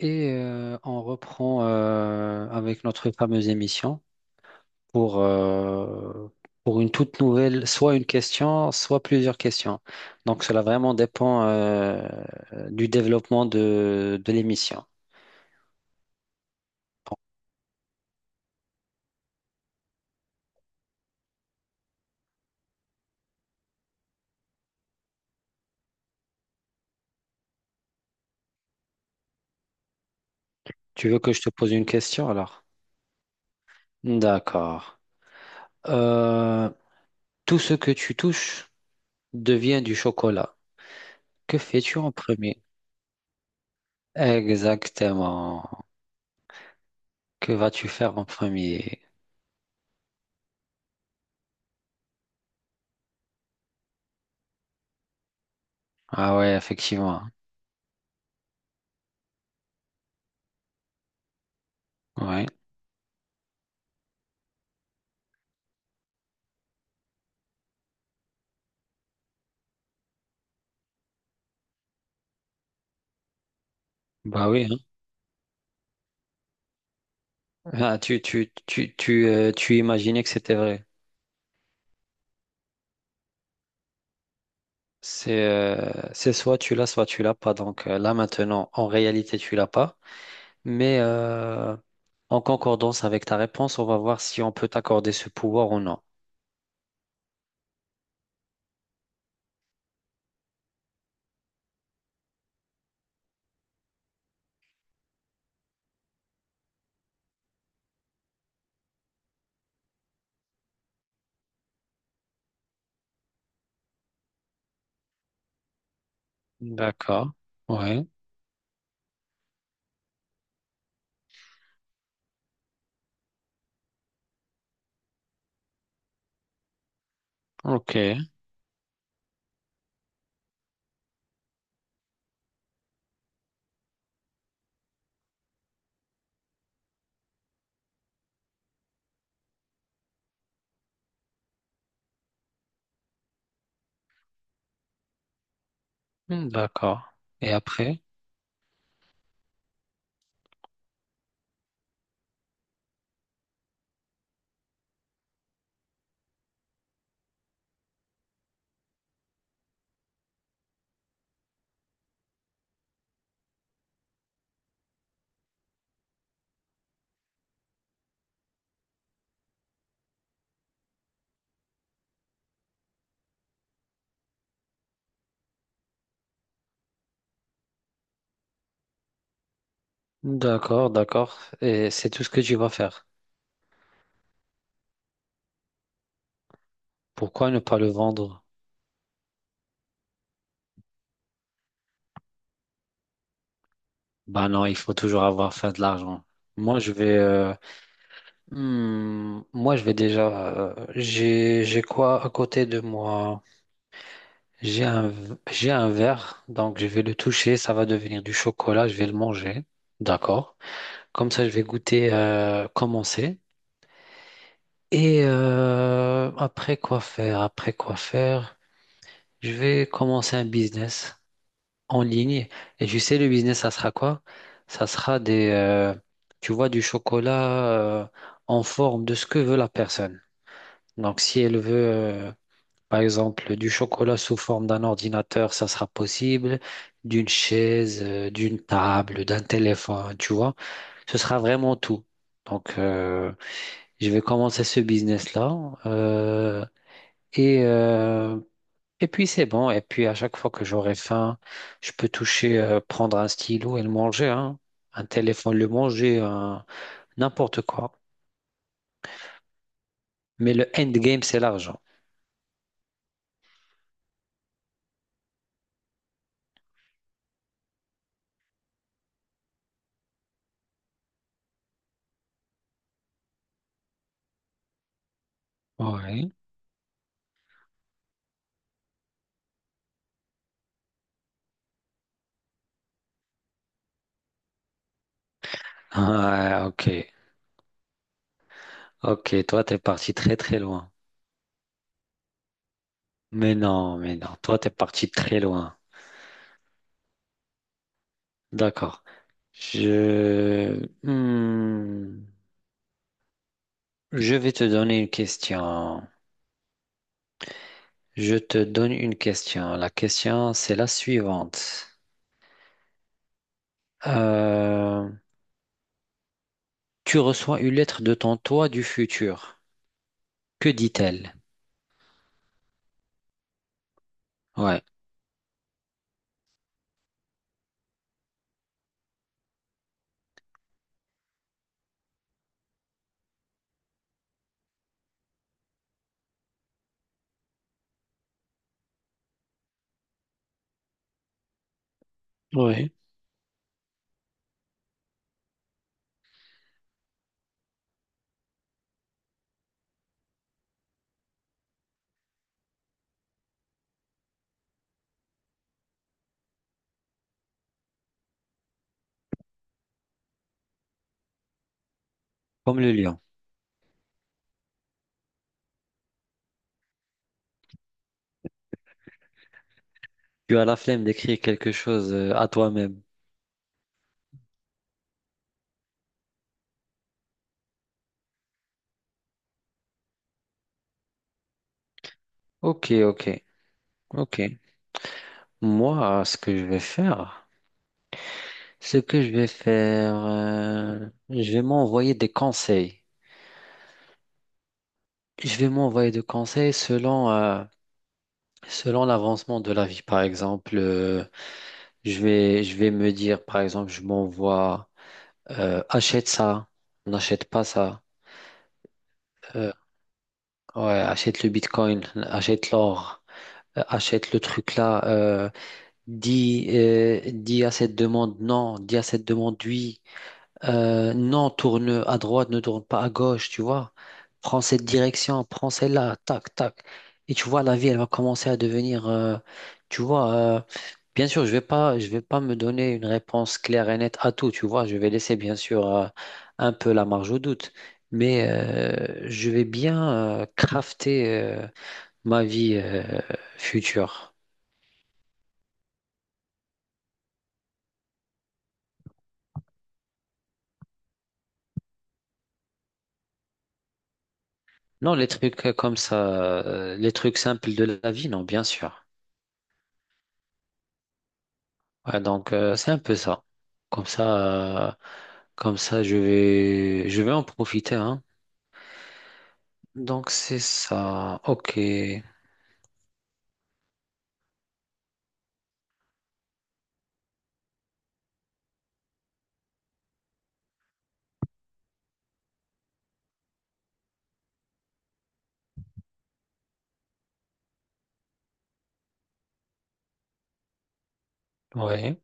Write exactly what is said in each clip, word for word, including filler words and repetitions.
Et euh, on reprend euh, avec notre fameuse émission pour, euh, pour une toute nouvelle, soit une question, soit plusieurs questions. Donc cela vraiment dépend euh, du développement de, de l'émission. Tu veux que je te pose une question alors? D'accord. Euh, tout ce que tu touches devient du chocolat. Que fais-tu en premier? Exactement. Que vas-tu faire en premier? Ah ouais, effectivement. Ouais. Bah oui. Ah, tu, tu, tu, tu, euh, tu imaginais que c'était vrai. C'est euh, c'est soit tu l'as, soit tu l'as pas. Donc euh, là maintenant, en réalité, tu l'as pas. Mais euh, en concordance avec ta réponse, on va voir si on peut t'accorder ce pouvoir ou non. D'accord. Ouais. Ok. D'accord. Et après? D'accord, d'accord. Et c'est tout ce que tu vas faire. Pourquoi ne pas le vendre? Bah non, il faut toujours avoir fait de l'argent. Moi, je vais, euh, Hmm, moi, je vais déjà. euh, j'ai, j'ai quoi à côté de moi? J'ai un, v- j'ai un verre, donc je vais le toucher. Ça va devenir du chocolat. Je vais le manger. D'accord. Comme ça, je vais goûter euh, comment c'est. Et euh, après quoi faire? Après quoi faire? Je vais commencer un business en ligne. Et je sais, le business, ça sera quoi? Ça sera des. Euh, tu vois, du chocolat euh, en forme de ce que veut la personne. Donc, si elle veut. Euh, Par exemple, du chocolat sous forme d'un ordinateur, ça sera possible, d'une chaise, euh, d'une table, d'un téléphone, tu vois. Ce sera vraiment tout. Donc, euh, je vais commencer ce business-là. euh, et, euh, et puis, c'est bon. Et puis, à chaque fois que j'aurai faim, je peux toucher, euh, prendre un stylo et le manger, hein. Un téléphone, le manger, un- n'importe quoi. Mais le endgame, c'est l'argent. Ouais. Ah, ok. Ok, toi, t'es parti très, très loin. Mais non, mais non. Toi, t'es parti très loin. D'accord. Je... Hmm. Je vais te donner une question. Je te donne une question. La question, c'est la suivante. Euh, Tu reçois une lettre de ton toi du futur. Que dit-elle? Ouais. Oui. Comme le lion. Tu as la flemme d'écrire quelque chose euh, à toi-même. Ok, ok, ok. Moi, ce que je vais faire... Ce que je vais faire, euh, je vais m'envoyer des conseils. Je vais m'envoyer des conseils selon, euh, selon l'avancement de la vie. Par exemple, euh, je vais, je vais me dire, par exemple, je m'envoie, euh, achète ça, n'achète pas ça. Euh, ouais, Achète le Bitcoin, achète l'or, euh, achète le truc là. Euh, dis, euh, dis à cette demande non, dis à cette demande oui. Euh, non, Tourne à droite, ne tourne pas à gauche, tu vois. Prends cette direction, prends celle-là, tac, tac. Et tu vois, la vie, elle va commencer à devenir, euh, tu vois, euh, bien sûr, je vais pas, je vais pas me donner une réponse claire et nette à tout, tu vois. Je vais laisser, bien sûr, euh, un peu la marge au doute. Mais euh, je vais bien euh, crafter euh, ma vie euh, future. Non, les trucs comme ça, euh, les trucs simples de la vie, non, bien sûr. Ouais, donc euh, c'est un peu ça. Comme ça, euh, Comme ça, je vais, je vais en profiter, hein. Donc c'est ça. Ok. Ouais.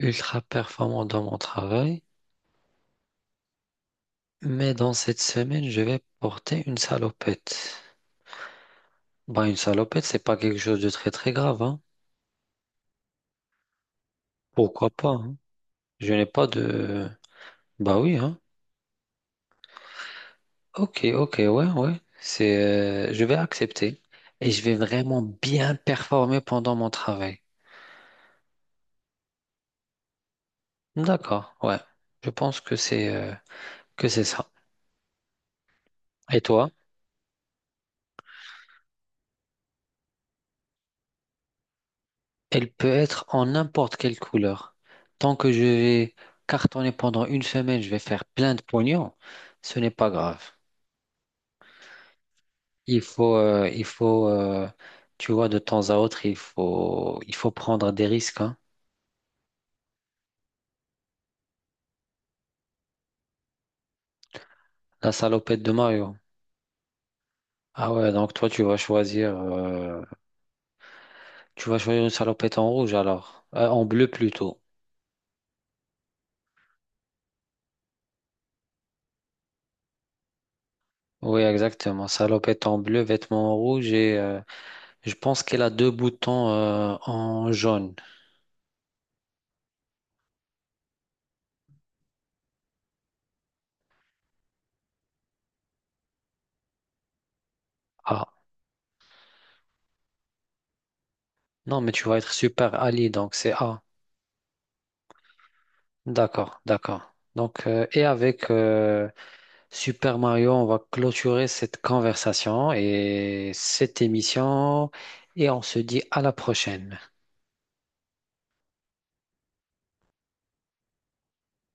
Ultra performant dans mon travail, mais dans cette semaine, je vais porter une salopette. Bah, une salopette, c'est pas quelque chose de très très grave, hein. Pourquoi pas, hein. Je n'ai pas de. Bah oui, hein. Ok, ok, ouais, ouais. C'est, euh, je vais accepter et je vais vraiment bien performer pendant mon travail. D'accord, ouais. Je pense que c'est euh, que c'est ça. Et toi? Elle peut être en n'importe quelle couleur. Tant que je vais cartonner pendant une semaine, je vais faire plein de pognon. Ce n'est pas grave. Il faut, euh, il faut, euh, tu vois, de temps à autre, il faut, il faut prendre des risques, hein. La salopette de Mario. Ah ouais, donc toi, tu vas choisir, euh, tu vas choisir une salopette en rouge alors, Euh, en bleu plutôt. Oui, exactement. Salopette en bleu, vêtements en rouge et euh, je pense qu'elle a deux boutons euh, en jaune. Ah, non, mais tu vas être Super Ali, donc c'est A. D'accord, d'accord. Donc, euh, et avec euh, Super Mario, on va clôturer cette conversation et cette émission et on se dit à la prochaine.